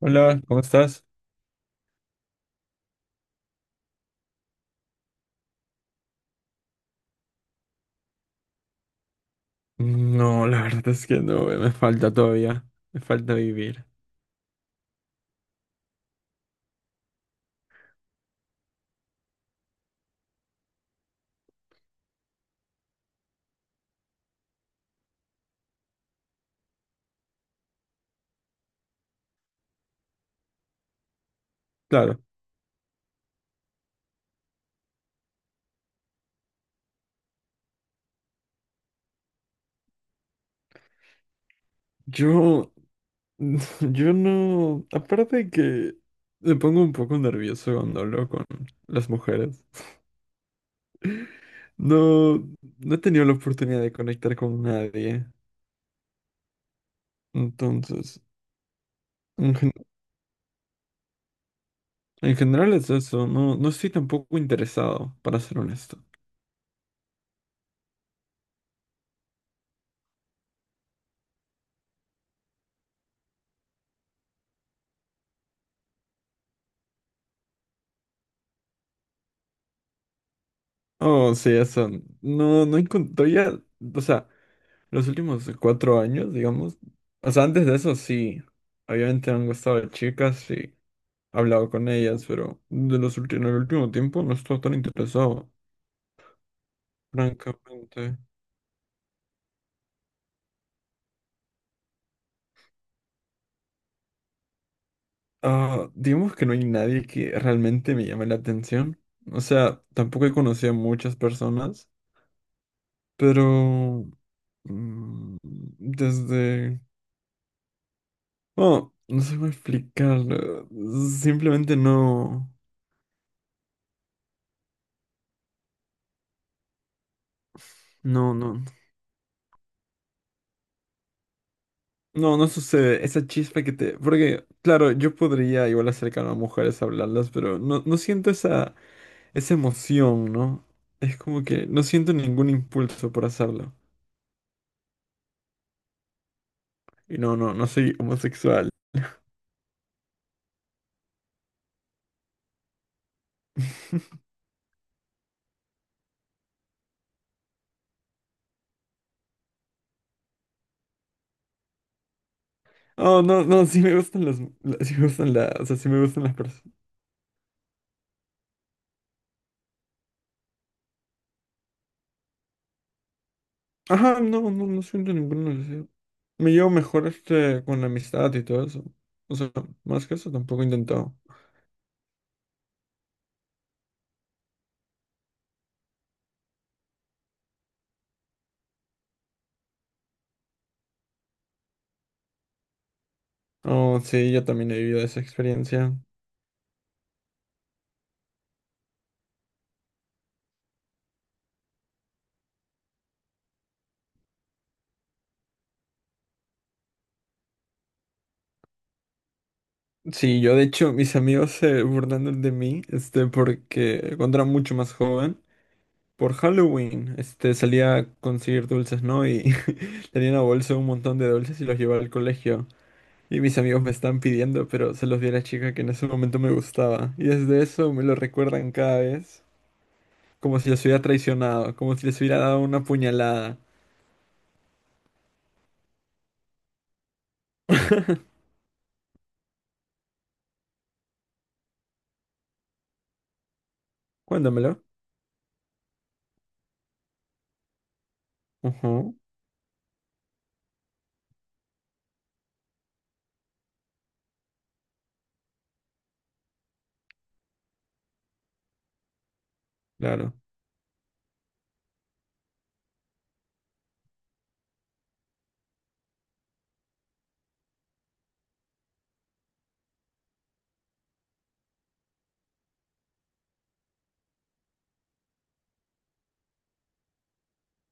Hola, ¿cómo estás? No, la verdad es que no, me falta todavía, me falta vivir. Claro, yo, yo no, aparte de que me pongo un poco nervioso cuando hablo con las mujeres, no, no he tenido la oportunidad de conectar con nadie, entonces, en, gen- en general es eso, no, no estoy tampoco interesado, para ser honesto. Oh, sí, eso, no, no encontré, o sea, los últimos cuatro años, digamos. O sea, antes de eso sí. Obviamente me han gustado chicas y he hablado con ellas, pero de los últimos, en el último tiempo no estoy tan interesado, francamente. Ah, digamos que no hay nadie que realmente me llame la atención. O sea, tampoco he conocido a muchas personas, pero mm, desde... Bueno, no sé cómo explicar. Simplemente no... No, no. No, no sucede. Esa chispa que te... Porque, claro, yo podría igual acercarme a mujeres a hablarlas, pero no, no siento esa, esa emoción, ¿no? Es como que no siento ningún impulso por hacerlo. Y no, no, no soy homosexual. Oh, no, no, Sí me gustan las... O sea, sí me gustan las personas. Ajá, no, no, no siento ninguna necesidad. Me llevo mejor este con la amistad y todo eso. O sea, más que eso tampoco he intentado. Oh, sí, yo también he vivido esa experiencia. Sí, yo de hecho mis amigos se burlaron de mí, este, porque cuando era mucho más joven, por Halloween, este, salía a conseguir dulces, ¿no? Y tenía una bolsa un montón de dulces y los llevaba al colegio. Y mis amigos me estaban pidiendo, pero se los di a la chica que en ese momento me gustaba. Y desde eso me lo recuerdan cada vez, como si les hubiera traicionado, como si les hubiera dado una puñalada. Cuéntamelo. Ujú, claro.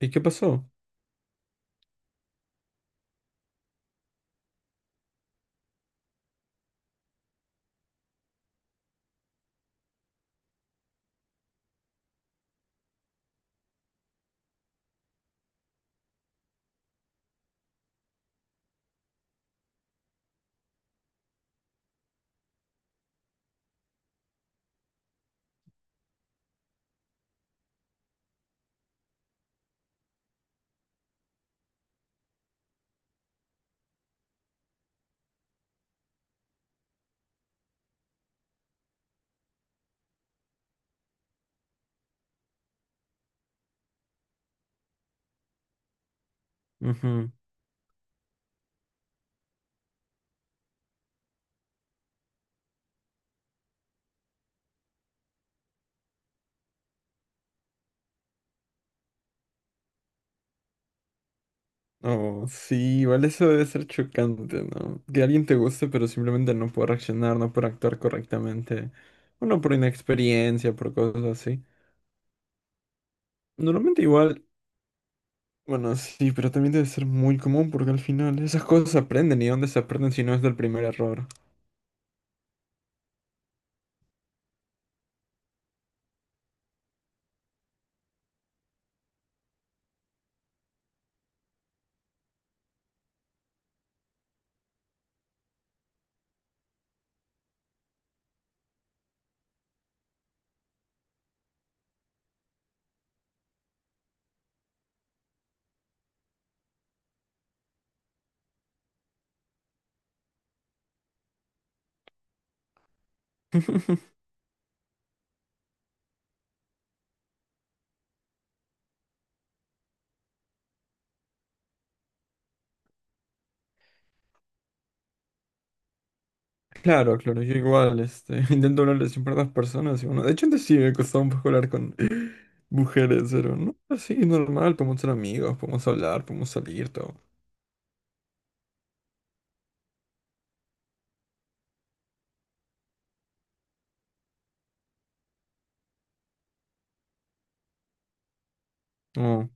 ¿Y qué pasó? Oh, sí, igual eso debe ser chocante, ¿no? Que alguien te guste, pero simplemente no puede reaccionar, no puede actuar correctamente. Bueno, por inexperiencia, por cosas así. Normalmente igual, bueno, sí, pero también debe ser muy común porque al final esas cosas se aprenden y dónde se aprenden si no es del primer error. Claro, claro, yo igual, este, intento hablarle siempre a las personas y bueno, de hecho antes sí me costaba un poco hablar con mujeres, pero no, así normal, podemos ser amigos, podemos hablar, podemos salir, todo. Oh,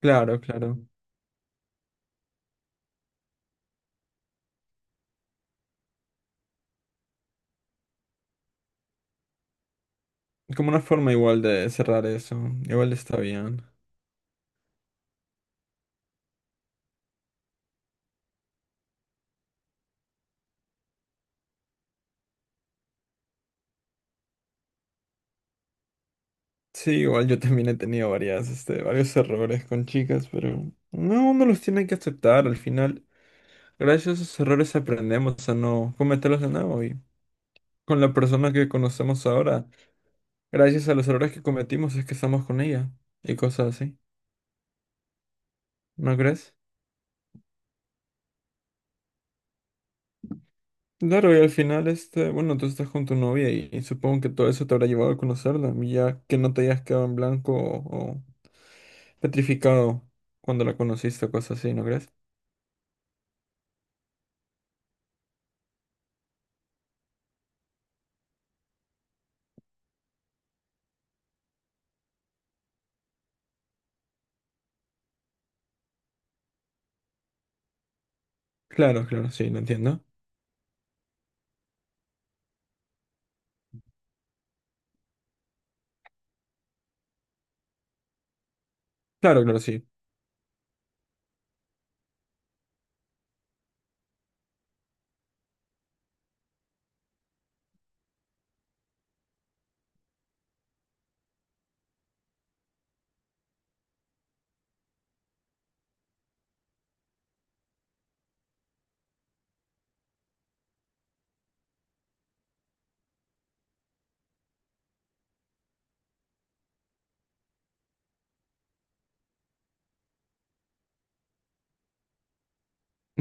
claro, claro. Como una forma igual de cerrar eso. Igual está bien. Sí, igual yo también he tenido varias, este, varios errores con chicas, pero no, uno los tiene que aceptar al final. Gracias a esos errores aprendemos a no cometerlos de nuevo y con la persona que conocemos ahora, gracias a los errores que cometimos es que estamos con ella y cosas así, ¿no crees? Claro, y al final, este, bueno, tú estás con tu novia y supongo que todo eso te habrá llevado a conocerla, y ya que no te hayas quedado en blanco o petrificado cuando la conociste o cosas así, ¿no crees? Claro, claro, sí, lo entiendo. Claro, claro, sí.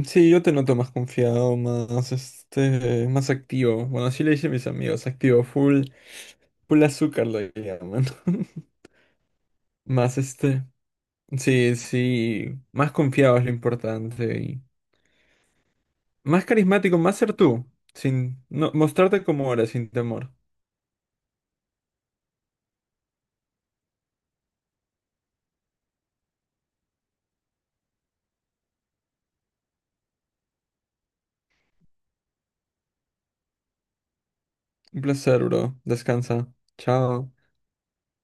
Sí, yo te noto más confiado, más este, más activo. Bueno, así le dicen mis amigos, activo, full, full azúcar lo llaman. Más este, sí, sí, más confiado es lo importante y más carismático, más ser tú, sin no, mostrarte como eres, sin temor. Un placer, bro. Descansa. Chao.